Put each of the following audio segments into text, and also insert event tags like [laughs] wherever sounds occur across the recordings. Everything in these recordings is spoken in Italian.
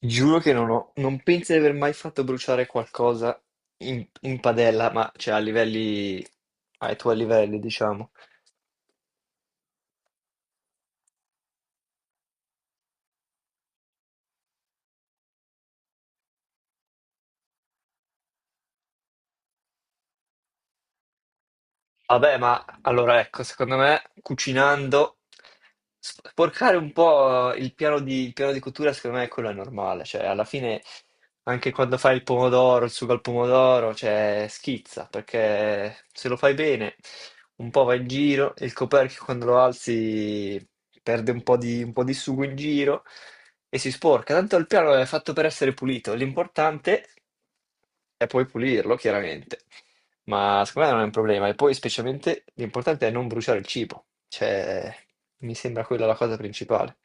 Ti Giuro che non penso di aver mai fatto bruciare qualcosa in padella, ma cioè a livelli, ai tuoi livelli, diciamo. Vabbè, ma allora ecco, secondo me cucinando, sporcare un po' il piano di cottura, secondo me quello è normale, cioè alla fine anche quando fai il pomodoro, il sugo al pomodoro, cioè schizza, perché se lo fai bene un po' va in giro e il coperchio quando lo alzi perde un po' di sugo in giro e si sporca, tanto il piano è fatto per essere pulito, l'importante è poi pulirlo, chiaramente. Ma secondo me non è un problema. E poi, specialmente, l'importante è non bruciare il cibo. Cioè, mi sembra quella la cosa principale.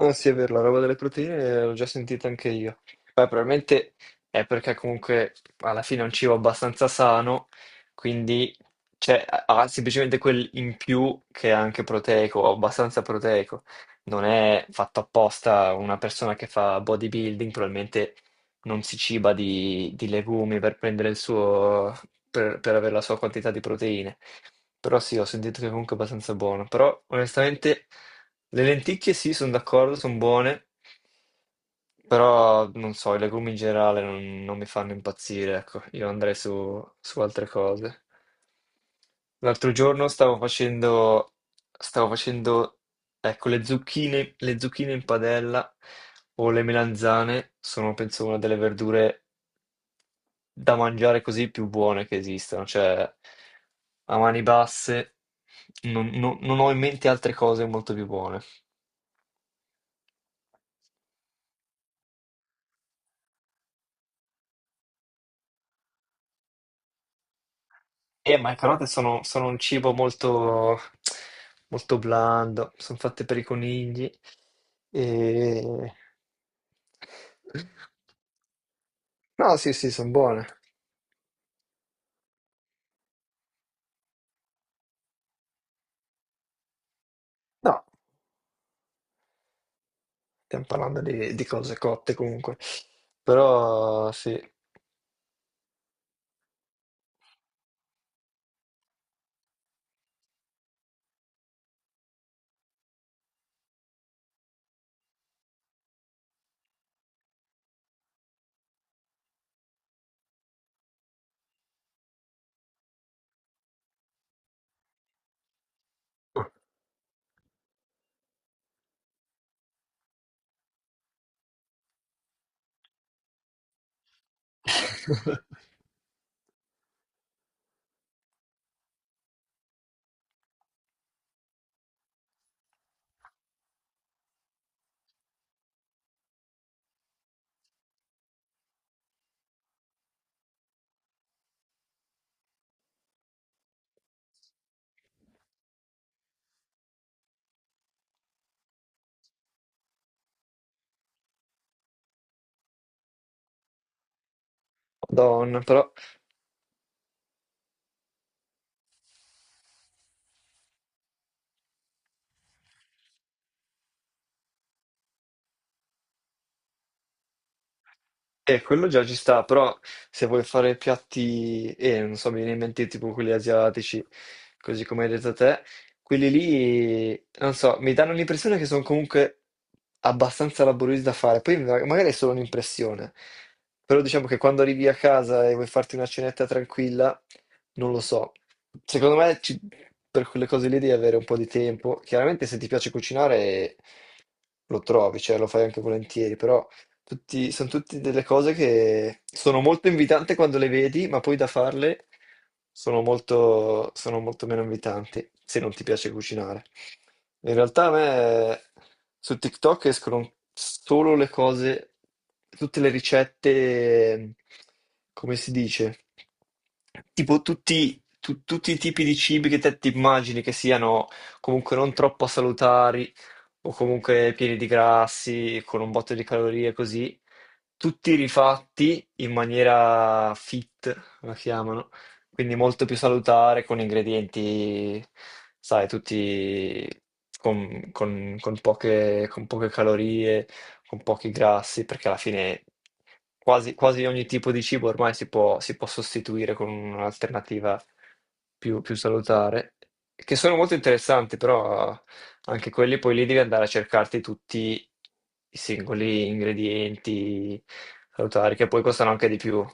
Non sì, è vero, la roba delle proteine l'ho già sentita anche io. Poi probabilmente è perché comunque alla fine è un cibo abbastanza sano, quindi cioè, ha semplicemente quel in più che è anche proteico, o abbastanza proteico. Non è fatto apposta una persona che fa bodybuilding, probabilmente non si ciba di legumi per prendere il suo, per avere la sua quantità di proteine. Però sì, ho sentito che comunque è abbastanza buono. Però onestamente le lenticchie sì, sono d'accordo, sono buone, però non so, i legumi in generale non mi fanno impazzire, ecco, io andrei su altre cose. L'altro giorno stavo facendo, ecco, le zucchine in padella o le melanzane sono, penso, una delle verdure da mangiare così più buone che esistano, cioè a mani basse non ho in mente altre cose molto più buone. Ma le carote sono un cibo molto blando, sono fatte per i conigli. E... No, sì, sì, sono buone. No, stiamo parlando di cose cotte comunque. Però sì. [laughs] Madonna, però eh, quello già ci sta, però se vuoi fare piatti, non so, mi viene in mente tipo quelli asiatici, così come hai detto te, quelli lì, non so, mi danno l'impressione che sono comunque abbastanza laboriosi da fare, poi magari è solo un'impressione, però diciamo che quando arrivi a casa e vuoi farti una cenetta tranquilla, non lo so, secondo me ci- per quelle cose lì devi avere un po' di tempo, chiaramente se ti piace cucinare lo trovi, cioè lo fai anche volentieri, però sono tutte delle cose che sono molto invitanti quando le vedi, ma poi da farle sono molto meno invitanti, se non ti piace cucinare. In realtà a me su TikTok escono solo le cose, tutte le ricette, come si dice, tutti i tipi di cibi che te ti immagini che siano comunque non troppo salutari o comunque pieni di grassi, con un botto di calorie così, tutti rifatti in maniera fit, la chiamano, quindi molto più salutare, con ingredienti, sai, tutti con poche calorie, con pochi grassi, perché alla fine quasi ogni tipo di cibo ormai si può sostituire con un'alternativa più salutare, che sono molto interessanti, però anche quelli poi lì devi andare a cercarti tutti i singoli ingredienti salutari, che poi costano anche di più.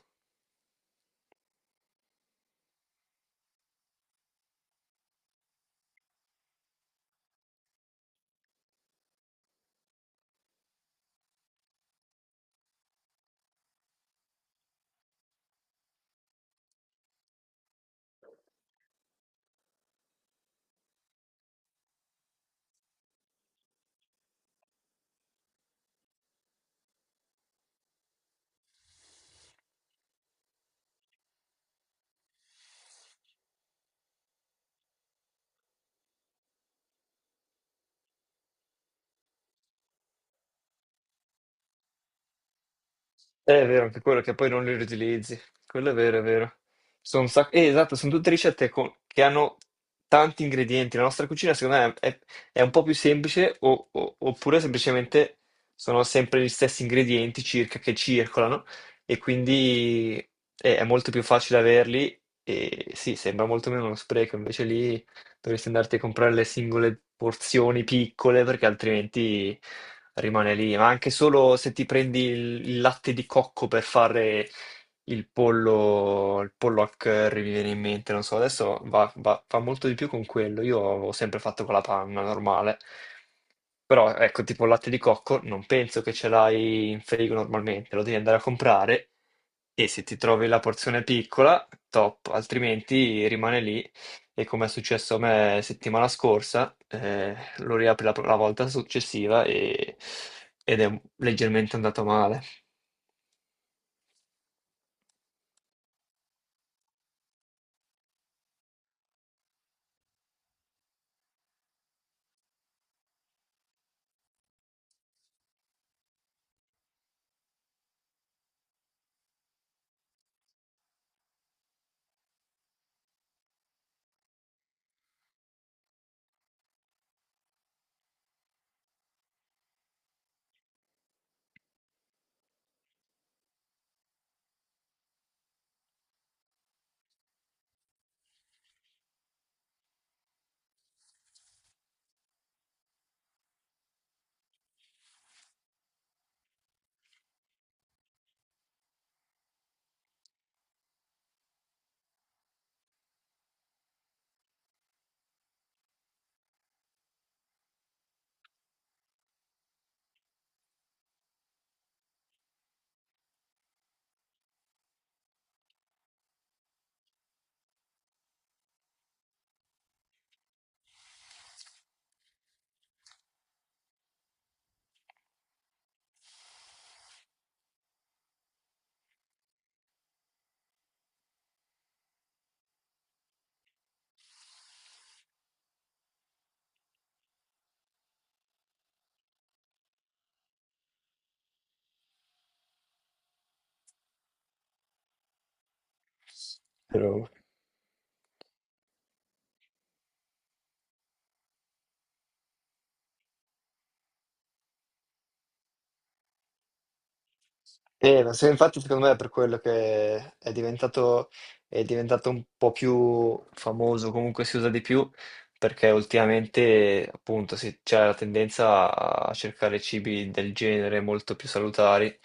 È vero, anche quello che poi non li riutilizzi. Quello è vero, è vero. Sono un sacco... esatto, sono tutte che hanno tanti ingredienti. La nostra cucina, secondo me, è un po' più semplice, oppure semplicemente sono sempre gli stessi ingredienti circa che circolano, e quindi è molto più facile averli. E sì, sembra molto meno uno spreco, invece lì. Dovresti andarti a comprare le singole porzioni piccole perché altrimenti rimane lì. Ma anche solo se ti prendi il latte di cocco per fare il pollo al curry, mi viene in mente, non so, adesso fa molto di più con quello. Io ho sempre fatto con la panna normale. Però ecco, tipo il latte di cocco, non penso che ce l'hai in frigo normalmente, lo devi andare a comprare e se ti trovi la porzione piccola, top, altrimenti rimane lì e come è successo a me settimana scorsa, lo riapri la volta successiva ed è leggermente andato male. Però eh, infatti secondo me è per quello è diventato un po' più famoso, comunque si usa di più, perché ultimamente appunto c'è la tendenza a cercare cibi del genere molto più salutari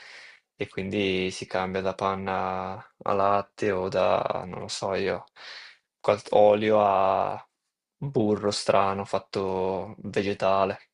e quindi si cambia da panna a latte o da, non lo so io, olio a burro strano fatto vegetale.